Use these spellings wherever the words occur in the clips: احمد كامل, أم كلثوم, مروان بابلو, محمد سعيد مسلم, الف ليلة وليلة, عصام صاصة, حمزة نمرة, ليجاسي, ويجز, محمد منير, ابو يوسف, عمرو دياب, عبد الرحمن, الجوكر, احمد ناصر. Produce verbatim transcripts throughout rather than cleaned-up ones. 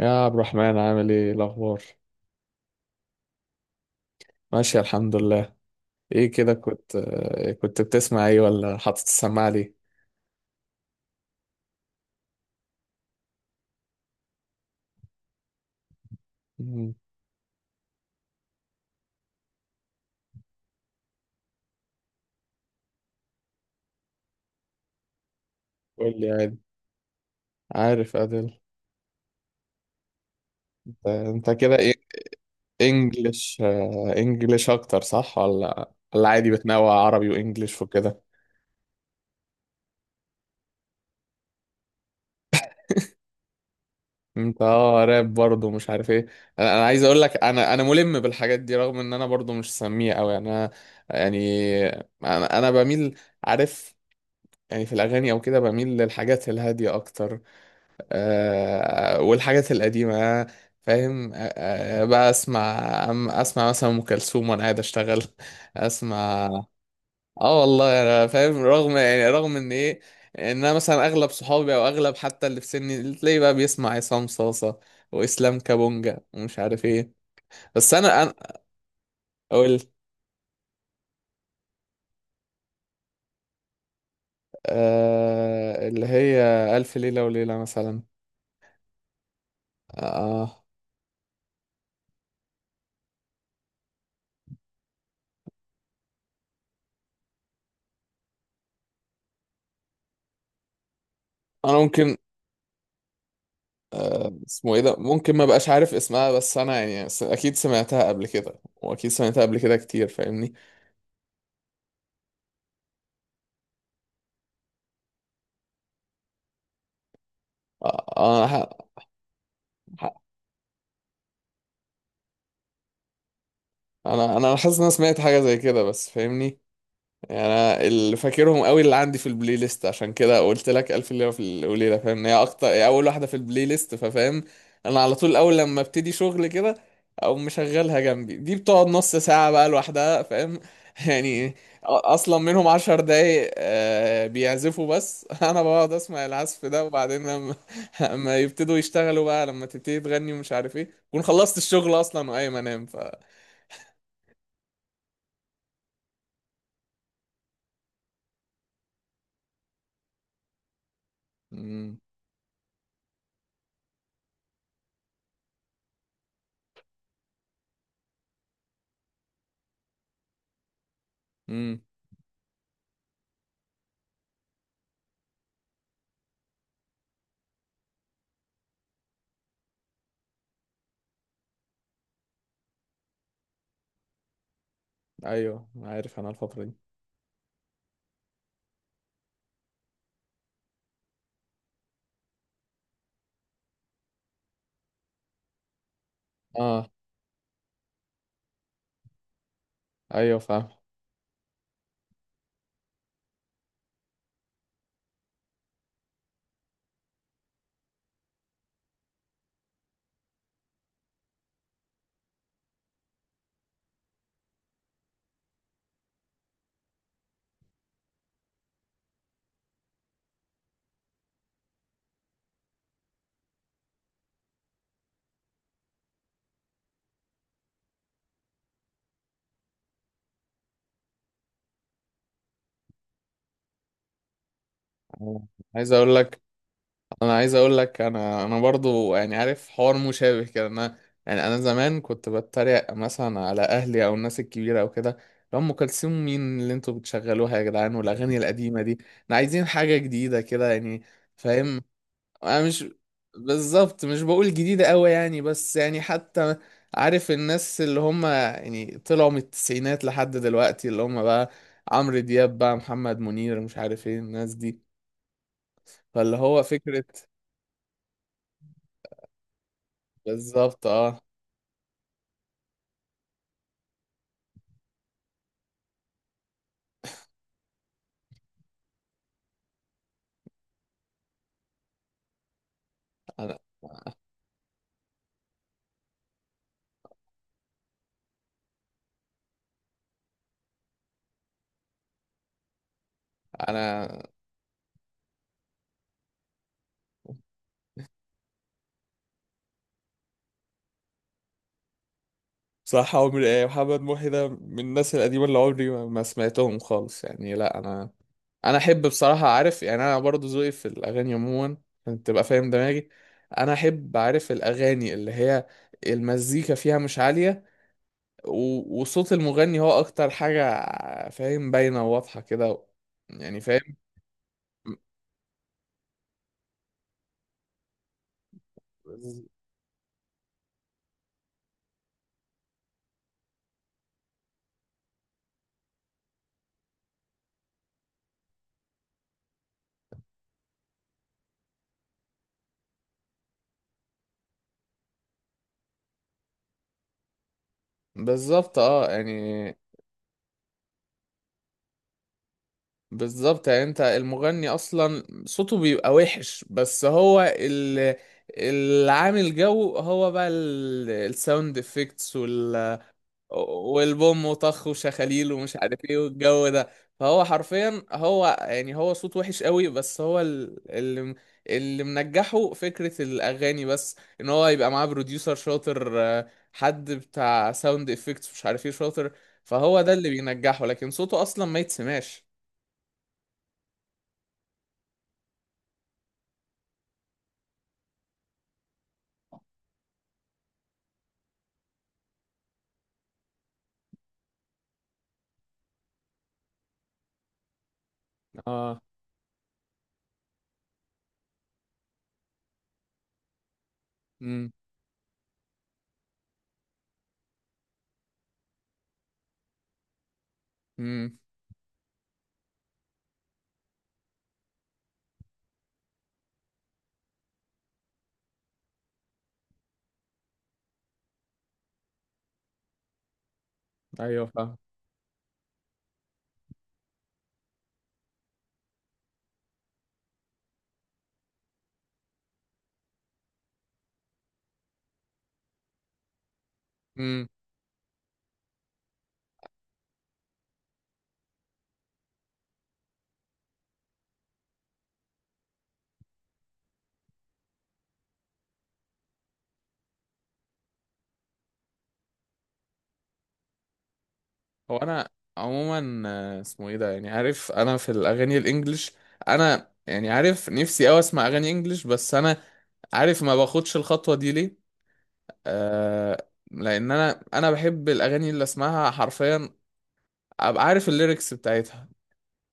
يا عبد الرحمن، عامل ايه الاخبار؟ ماشي، الحمد لله. ايه كده، كنت آه، كنت بتسمع ايه ولا حاطط السماعه ليه؟ مم. قول لي، عادي. عارف ادل. انت أنت كده ايه؟ انجلش، آه، انجلش اكتر، صح؟ ولا ولا عادي بتنوع عربي وانجلش وكده؟ انت اه راب برضه، مش عارف ايه. انا أنا عايز اقول لك، انا انا ملم بالحاجات دي، رغم ان انا برضه مش سميع قوي، يعني انا... يعني انا أنا بميل، عارف، يعني في الاغاني او كده، بميل للحاجات الهاديه اكتر، آه، والحاجات القديمة، فاهم. آه، آه، بقى اسمع. أم- اسمع مثلا ام كلثوم وانا قاعد اشتغل اسمع. اه، والله انا فاهم، رغم يعني رغم ان ايه، ان انا مثلا اغلب صحابي او اغلب حتى اللي في سني، اللي تلاقيه بقى بيسمع عصام صاصة واسلام كابونجا ومش عارف ايه. بس انا انا اقول، آه، اللي هي الف ليلة وليلة مثلا. آه، آه. انا ممكن... اسمه ايه ده؟ ممكن ما بقاش عارف اسمها، بس انا يعني س- اكيد سمعتها قبل كده، واكيد سمعتها قبل كده كتير، فاهمني. آه، انا ح... ح... انا انا حاسس ان انا سمعت حاجه زي كده، بس فاهمني. يعني انا اللي فاكرهم قوي اللي عندي في البلاي ليست، عشان كده قلت لك الف ليله في وليله، فاهم، إن هي اكتر، هي اول واحده في البلاي ليست ففاهم. انا على طول اول لما ابتدي شغل كده، او مشغلها جنبي، دي بتقعد نص ساعه بقى لوحدها، فاهم. يعني أ- اصلا منهم عشر دقايق، آه، بيعزفوا بس انا بقعد اسمع العزف ده، وبعدين لما لما يبتدوا يشتغلوا بقى، لما تبتدي تغني ومش عارف ايه، كون خلصت الشغل اصلا وقايم انام. ف... امم. امم. ايوه، عارف انا الفتره دي. اه، ايوه، فاهم. أنا عايز اقول لك انا عايز اقول لك، انا انا برضو يعني عارف حوار مشابه كده، انا... يعني انا زمان كنت بتريق مثلا على اهلي او الناس الكبيره او كده، لو ام كلثوم مين اللي انتوا بتشغلوها يا جدعان، والاغاني القديمه دي احنا عايزين حاجه جديده كده يعني، فاهم. انا مش... بالظبط، مش بقول جديده قوي يعني، بس يعني حتى عارف الناس اللي هم يعني طلعوا من التسعينات لحد دلوقتي، اللي هم بقى عمرو دياب بقى، محمد منير، مش عارف ايه الناس دي، فاللي هو فكرة. بالظبط، اه. انا انا صح، عمري ايه محمد محي ده، من الناس القديمة اللي عمري ما ما سمعتهم خالص يعني، لا انا... انا احب بصراحة، عارف يعني انا برضو ذوقي في الاغاني عموما، عشان تبقى فاهم دماغي، انا احب عارف الاغاني اللي هي المزيكا فيها مش عالية، و- وصوت المغني هو اكتر حاجة، فاهم، باينة وواضحة كده، يعني، فاهم. بالظبط، اه، يعني. بالظبط يعني، انت المغني اصلا صوته بيبقى وحش، بس هو ال- اللي عامل جو هو بقى ال- الساوند افكتس، وال... والبوم وطخ وشخاليل ومش عارف ايه والجو ده. فهو حرفيا، هو يعني، هو صوت وحش قوي، بس هو ال- اللي اللي منجحه فكرة الاغاني، بس ان هو يبقى معاه بروديوسر شاطر، آه، حد بتاع ساوند افكتس مش عارف ايه شاطر، فهو ده اللي بينجحه، لكن صوته اصلا ما يتسمعش. اه. امم، امم. ايوه، فاهم. امم. هو انا... عموما، آه، اسمه ايه ده، يعني عارف انا في الاغاني الانجليش، انا يعني عارف نفسي اوي اسمع اغاني انجليش، بس انا عارف ما باخدش الخطوه دي ليه. آه. لان انا انا بحب الاغاني اللي اسمعها حرفيا، ابقى عارف الليركس بتاعتها،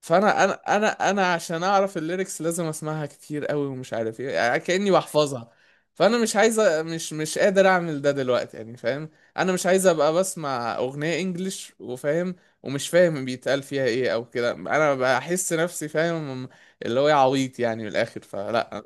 فانا انا انا انا عشان اعرف الليركس لازم اسمعها كتير قوي ومش عارف ايه، يعني كاني بحفظها. فانا مش عايز أ- مش مش قادر اعمل ده دلوقتي، يعني فاهم. انا مش عايز ابقى بسمع اغنيه انجليش وفاهم، ومش فاهم بيتقال فيها ايه او كده، انا بحس نفسي، فاهم، اللي هو إيه، عبيط يعني من الاخر، فلا.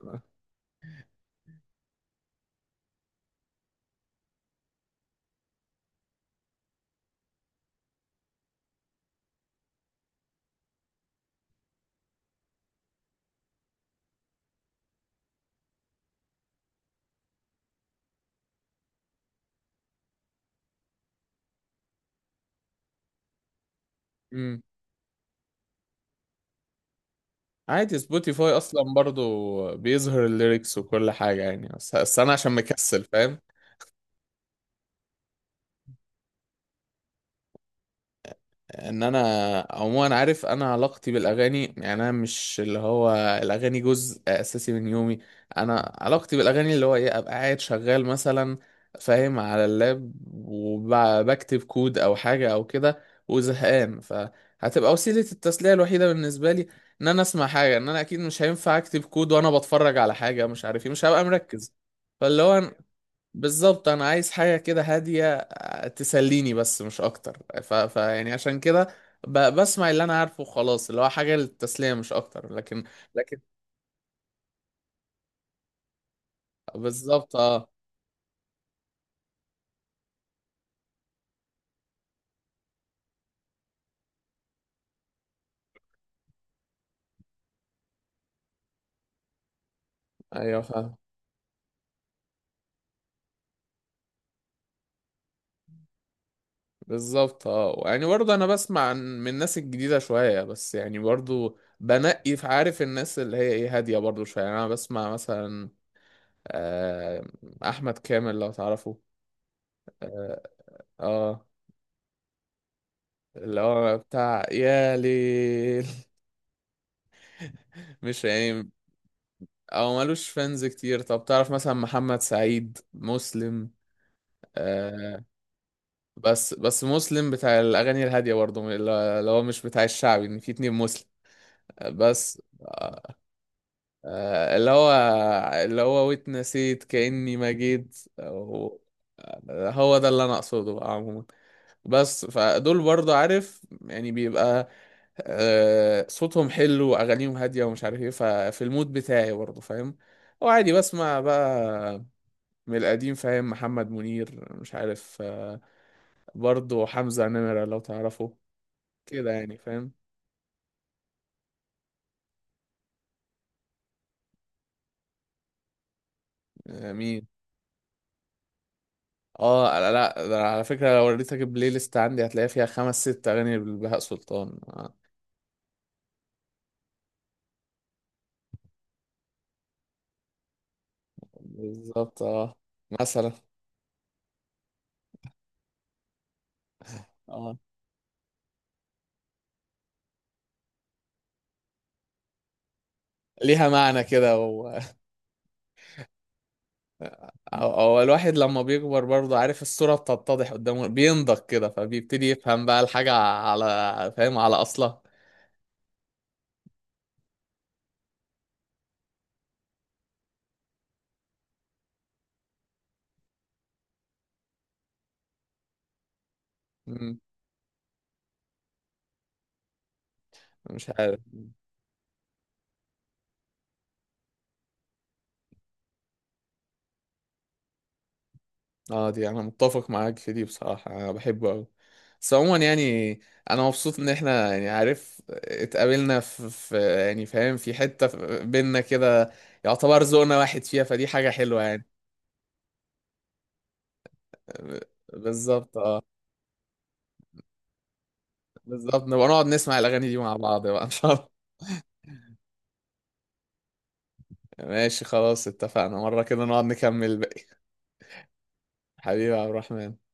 امم. عادي، سبوتيفاي اصلا برضو بيظهر الليركس وكل حاجه يعني، بس بس انا عشان مكسل، فاهم. ان انا عموما، عارف انا علاقتي بالاغاني، يعني انا مش اللي هو الاغاني جزء اساسي من يومي. انا علاقتي بالاغاني اللي هو ايه، ابقى قاعد شغال مثلا، فاهم، على اللاب وبكتب كود او حاجه او كده، وزهقان، فهتبقى وسيله التسليه الوحيده بالنسبه لي، ان انا اسمع حاجه، ان انا اكيد مش هينفع اكتب كود وانا بتفرج على حاجه مش عارف ايه، مش هبقى مركز، فاللي هو... بالظبط، انا عايز حاجه كده هاديه، آه، تسليني بس مش اكتر. ف... ف يعني عشان كده ب... بسمع اللي انا عارفه خلاص، اللي هو حاجه للتسليه مش اكتر، لكن... لكن... بالظبط، اه. ايوه، فاهم. بالظبط، اه، يعني برضه انا بسمع عن- من الناس الجديده شويه، بس يعني برضه بنقي في، عارف الناس اللي هي ايه هاديه برضه شويه، يعني انا بسمع مثلا، آه، احمد كامل لو تعرفه. اه. آه، اللي هو بتاع يا ليل مش عين. او مالوش فانز كتير. طب تعرف مثلا محمد سعيد مسلم؟ آه. بس بس مسلم بتاع الاغاني الهاديه برضه، اللي هو مش بتاع الشعبي، ان في اتنين مسلم. آه، بس آه آه، اللي هو اللي هو واتنسيت كاني ما جيت. أو- آه، هو ده اللي انا اقصده بقى عموما. بس فدول برضه، عارف يعني بيبقى، آه صوتهم حلو واغانيهم هاديه ومش عارف ايه، ففي المود بتاعي برضه، فاهم. وعادي بسمع بقى من القديم، فاهم، محمد منير، مش عارف، آه، برضه حمزة نمرة لو تعرفه كده يعني، فاهم. آه، مين؟ اه، لا لا، ده على فكرة لو وريتك البلاي ليست عندي هتلاقي فيها خمس ست أغاني لبهاء سلطان آه، بالظبط، اه. مثلا. اه. ليها معنى كده و... أو, أو الواحد لما بيكبر برضه، عارف الصورة بتتضح قدامه، بينضج كده فبيبتدي يفهم بقى الحاجة على، فاهم، على أصلها. مم. مش عارف. اه، دي انا متفق معاك في دي بصراحة، انا بحبه اوي، بس عموما يعني انا مبسوط ان احنا يعني، عارف اتقابلنا في, في يعني فاهم في حتة في- بينا كده، يعتبر ذوقنا واحد فيها، فدي حاجة حلوة يعني. بالظبط، اه. بالظبط، نبقى نقعد نسمع الاغاني دي مع بعض بقى ان شاء الله. ماشي خلاص، اتفقنا مرة كده نقعد نكمل الباقي. حبيبي يا عبد الرحمن.